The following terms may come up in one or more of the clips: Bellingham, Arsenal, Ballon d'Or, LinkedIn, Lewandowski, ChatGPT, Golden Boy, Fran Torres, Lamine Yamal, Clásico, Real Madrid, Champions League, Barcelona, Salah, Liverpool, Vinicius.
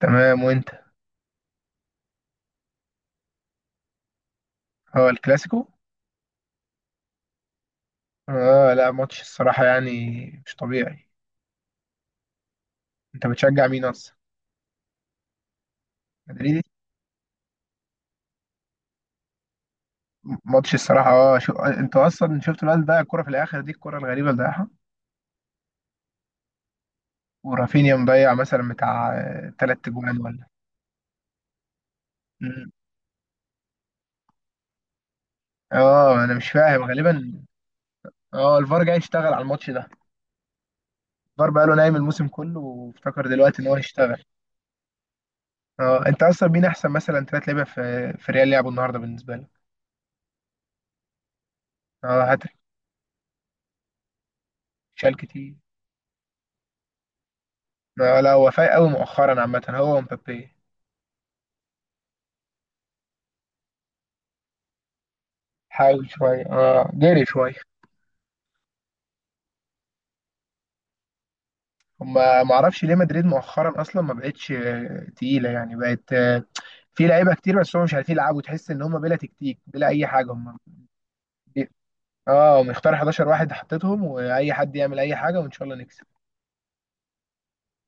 تمام، وانت؟ هو الكلاسيكو. اه لا ماتش الصراحة يعني مش طبيعي. انت بتشجع مين اصلا؟ مدريد. ماتش الصراحة انت اصلا شفت الواد اللي ضيع الكرة في الاخر، دي الكرة الغريبة اللي ضيعها. ورافينيا مضيع مثلا بتاع تلات تجوان ولا؟ مم. اه، انا مش فاهم غالبا. اه، الفار جاي يشتغل على الماتش ده. الفار بقاله نايم الموسم كله وافتكر دلوقتي ان هو هيشتغل. اه، انت اصلا مين احسن مثلا تلات لعيبة في ريال لعبوا النهارده بالنسبة لك؟ اه، هاتريك. شال كتير. ما لا وفاء قوي مؤخرا عامة هو ومبابي. حاول شوية، اه جري شوية. هما معرفش ليه مدريد مؤخرا أصلا ما بقتش تقيلة، يعني بقت في لعيبة كتير بس هم مش عارفين يلعبوا. تحس إن هما بلا تكتيك بلا أي حاجة هما. اه، مختار 11 واحد حطيتهم وأي حد يعمل أي حاجة وإن شاء الله نكسب.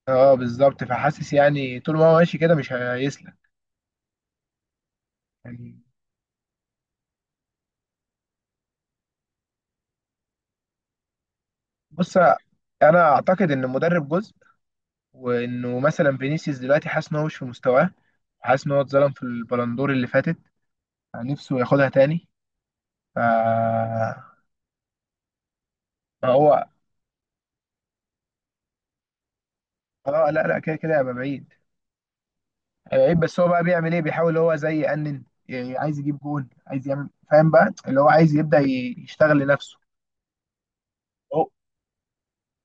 اه بالظبط، فحاسس يعني طول ما هو ماشي كده مش هيسلك. يعني بص، أنا أعتقد إن المدرب جزء. وانه مثلا فينيسيوس دلوقتي حاسس ان هو مش في مستواه. وحاسس ان هو اتظلم في البلندور اللي فاتت. يعني نفسه ياخدها تاني. ف ما هو. اه لا لا، كده كده هيبقى بعيد. هيبقى بعيد، بس هو بقى بيعمل ايه؟ بيحاول هو زي يأنن يعني، عايز يجيب جون، عايز يعمل، فاهم بقى اللي هو عايز يبدأ يشتغل لنفسه. هو،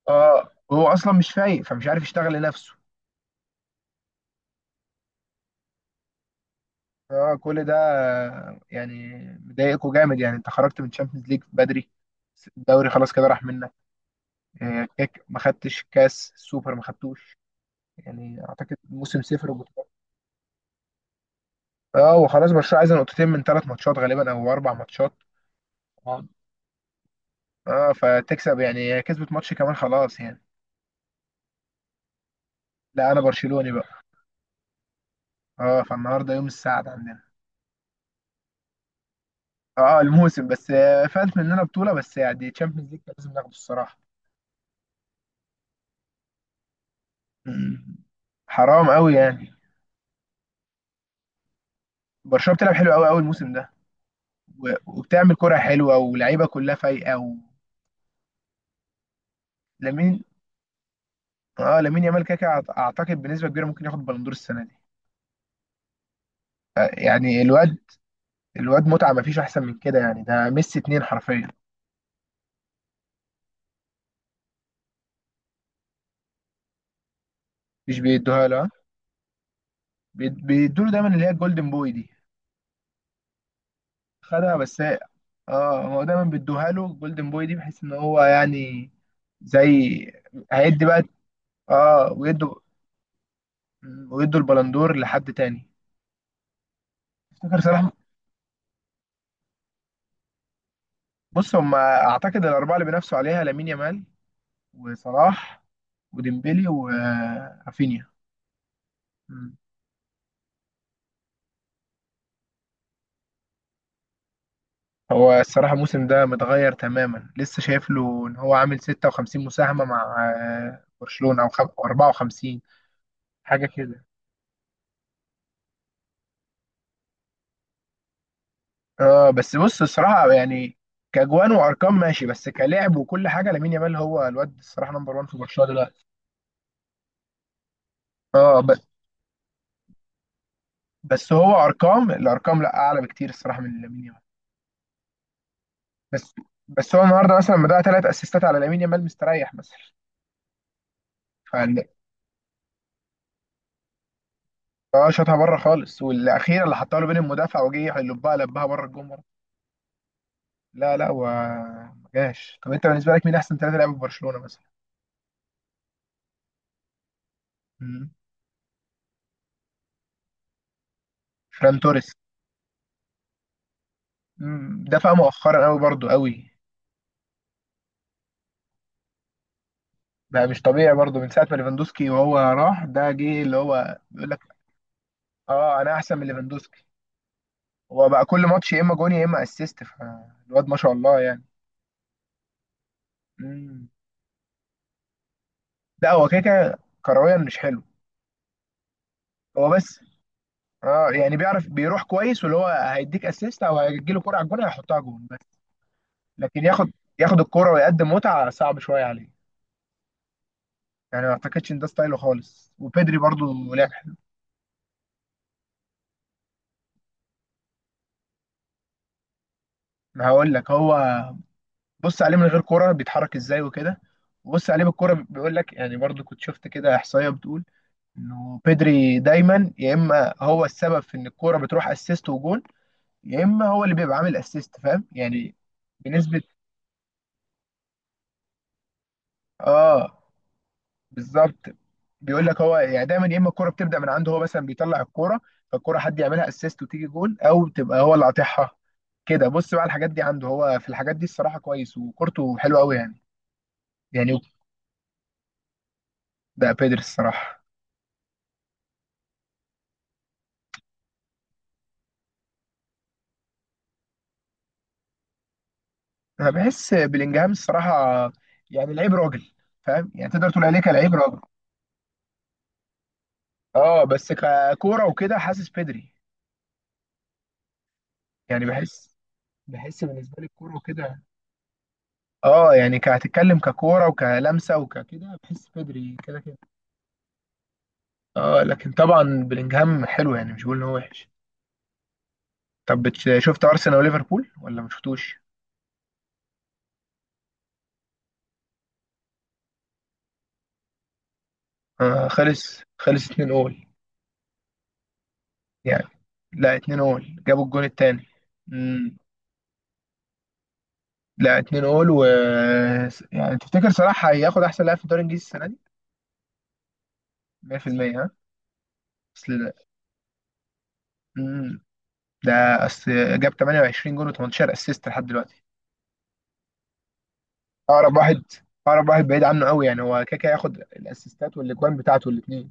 اه هو اصلا مش فايق فمش عارف يشتغل لنفسه. اه كل ده يعني. مضايقكوا جامد يعني. انت خرجت من تشامبيونز ليج بدري، الدوري خلاص كده راح منك. يعني هيك، ما خدتش كاس سوبر ما خدتوش. يعني اعتقد موسم صفر وبطولات. اه، وخلاص برشلونه عايزه نقطتين من ثلاث ماتشات غالبا او اربع ماتشات. اه اه، فتكسب يعني، هي كسبت ماتش كمان خلاص يعني. لا، انا برشلوني بقى. اه، فالنهارده يوم السعد عندنا. اه الموسم، بس فات مننا بطوله، بس يعني تشامبيونز ليج كان لازم ناخده الصراحه. مم. حرام قوي يعني. برشلونه بتلعب حلو قوي قوي الموسم ده. وبتعمل كره حلوه ولاعيبه كلها فايقه. ولامين، اه لامين يامال كده كده اعتقد بنسبه كبيره ممكن ياخد بالندور السنه دي. يعني الواد متعه، ما فيش احسن من كده يعني، ده ميسي اتنين حرفيا. مش بيدوها له، ها؟ بيدوا له دايما اللي هي الجولدن بوي دي. خدها بس اه، هو دايما بيدوها له الجولدن بوي دي بحيث ان هو يعني زي. هيدي بقى. اه ويدوا البلندور لحد تاني. افتكر صلاح. بص، هم اعتقد الاربعه اللي بينافسوا عليها: لامين يامال، وصلاح، وديمبلي، ورافينيا. هو الصراحة الموسم ده متغير تماما، لسه شايف له إن هو عامل 56 مساهمة مع برشلونة، أو أو 54 حاجة كده. اه بس بص، الصراحة يعني كأجوان وأرقام ماشي، بس كلاعب وكل حاجة لامين يامال هو الواد الصراحة نمبر 1 في برشلونة دلوقتي. اه بس هو أرقام، الأرقام لا، أعلى بكتير الصراحة من لامين يامال. بس، بس هو النهاردة مثلا لما ضيع ثلاث أسيستات على لامين يامال مستريح مثلا. فال- اه شاطها بره خالص، والأخيرة اللي حطها له بين المدافع وجه يلبها لبها بره الجون. لا لا، هو ما جاش. طب انت بالنسبه لك مين احسن ثلاثه لعيبه في برشلونه مثلا؟ مم. فران توريس. مم. دفع مؤخرا قوي، برضو قوي. بقى مش طبيعي برضو من ساعه ما ليفاندوسكي وهو راح، ده جه اللي هو بيقول لك اه انا احسن من ليفاندوسكي. هو بقى كل ماتش يا اما جون يا اما اسيست، فالواد ما شاء الله يعني. مم. لا، هو كده كده كرويا مش حلو. هو بس، اه يعني بيعرف بيروح كويس، واللي هو هيديك اسيست او هيجيله كرة على الجون هيحطها جون بس. لكن ياخد الكرة ويقدم متعة صعب شوية عليه. يعني ما اعتقدش ان ده ستايله خالص. وبيدري برضو لعب حلو. ما هقول لك، هو بص عليه من غير كرة بيتحرك ازاي وكده، وبص عليه بالكرة بيقول لك يعني، برضو كنت شفت كده احصائية بتقول انه بيدري دايما يا اما هو السبب في ان الكرة بتروح اسيست وجون، يا اما هو اللي بيبقى عامل اسيست، فاهم يعني. بنسبة، اه بالظبط. بيقول لك هو يعني دايما يا اما الكوره بتبدا من عنده، هو مثلا بيطلع الكوره فالكوره حد يعملها اسيست وتيجي جول، او تبقى هو اللي قاطعها. كده بص بقى، الحاجات دي عنده، هو في الحاجات دي الصراحه كويس، وكورته حلوه قوي يعني. يعني ده بيدري الصراحه. انا بحس بلينجهام الصراحه، يعني لعيب راجل، فاهم يعني، تقدر تقول عليه كلاعب راجل. اه بس ككوره وكده حاسس بيدري يعني. بحس، بالنسبه لي الكوره وكده. اه يعني، كهتتكلم ككوره وكلمسه وككده، بحس بيدري كده كده. اه، لكن طبعا بلينجهام حلو، يعني مش بقول ان هو وحش. طب شفت ارسنال وليفربول ولا ما شفتوش؟ آه خلص خلص 2 اول يعني. لا، 2 اول جابوا الجون التاني. مم. لا، 2 اول و. يعني تفتكر صلاح هياخد احسن لاعب في الدوري الانجليزي السنه دي؟ 100%، ها. اصل ده، مم. ده اصل جاب 28 جون و18 اسيست لحد دلوقتي. اقرب واحد، اقرب واحد بعيد عنه قوي، يعني هو كاكا هياخد الاسيستات والاجوان بتاعته الاثنين.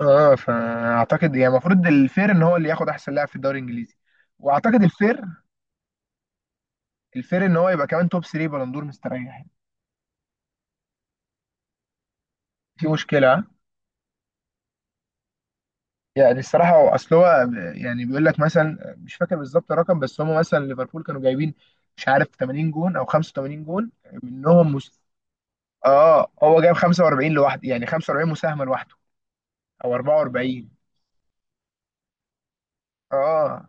اه، فاعتقد يعني المفروض الفير ان هو اللي ياخد احسن لاعب في الدوري الانجليزي. واعتقد الفير، ان هو يبقى كمان توب 3 بلندور مستريح يعني. في مشكله، ها؟ يعني الصراحه هو اصل، هو يعني بيقول لك مثلا مش فاكر بالظبط الرقم، بس هم مثلا ليفربول كانوا جايبين مش عارف 80 جون او 85 جون منهم اه هو جايب 45 لوحده، يعني 45 مساهمه لوحده، او 44. اه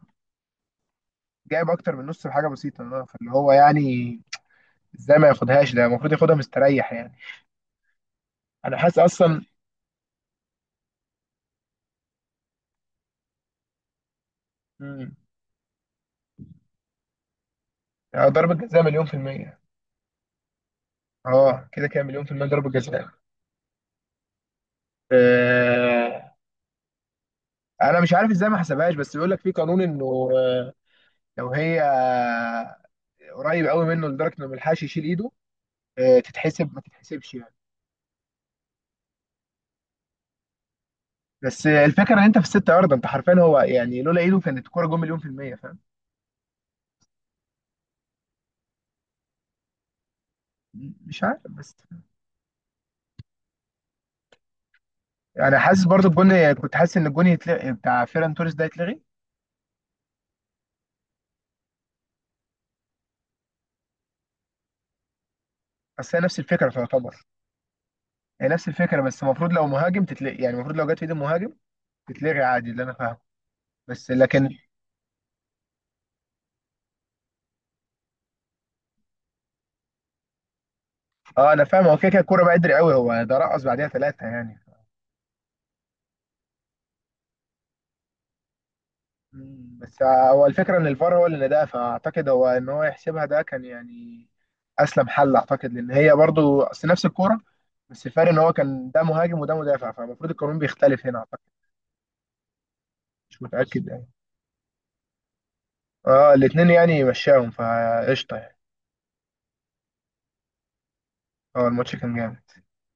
جايب اكتر من نص بحاجه بسيطه. اه، فاللي هو يعني ازاي ما ياخدهاش؟ ده المفروض ياخدها مستريح يعني. انا حاسس اصلا. مم. ضربة جزاء مليون في المية. اه كده كده مليون في المية ضربة جزاء. آه، انا مش عارف ازاي ما حسبهاش، بس بيقول لك في قانون انه لو هي قريب قوي منه لدرجة انه ما يلحقش يشيل ايده، آه تتحسب ما تتحسبش يعني. بس الفكرة ان انت في الستة ياردة، انت حرفيا هو يعني لولا ايده كانت الكورة جون مليون في المية، فاهم. مش عارف بس، يعني حاسس برضو الجون، كنت حاسس ان الجون يتلغي بتاع فيران توريس، ده يتلغي. بس هي نفس الفكرة تعتبر، هي نفس الفكرة بس المفروض لو مهاجم تتلغي، يعني المفروض لو جت في ايد المهاجم تتلغي عادي، اللي انا فاهمه. بس لكن. اه انا فاهم، هو كده كده الكوره بقى قدر قوي، هو ده رقص بعديها ثلاثه يعني. مم. بس هو الفكره ان الفار هو اللي ناداها، فاعتقد هو ان هو يحسبها ده كان يعني اسلم حل، اعتقد لان هي برضو اصل نفس الكوره، بس الفرق ان هو كان ده مهاجم وده مدافع فالمفروض القانون بيختلف هنا اعتقد، مش متاكد يعني. اه الاثنين يعني مشاهم فقشطه يعني. اه، الماتش كان جامد.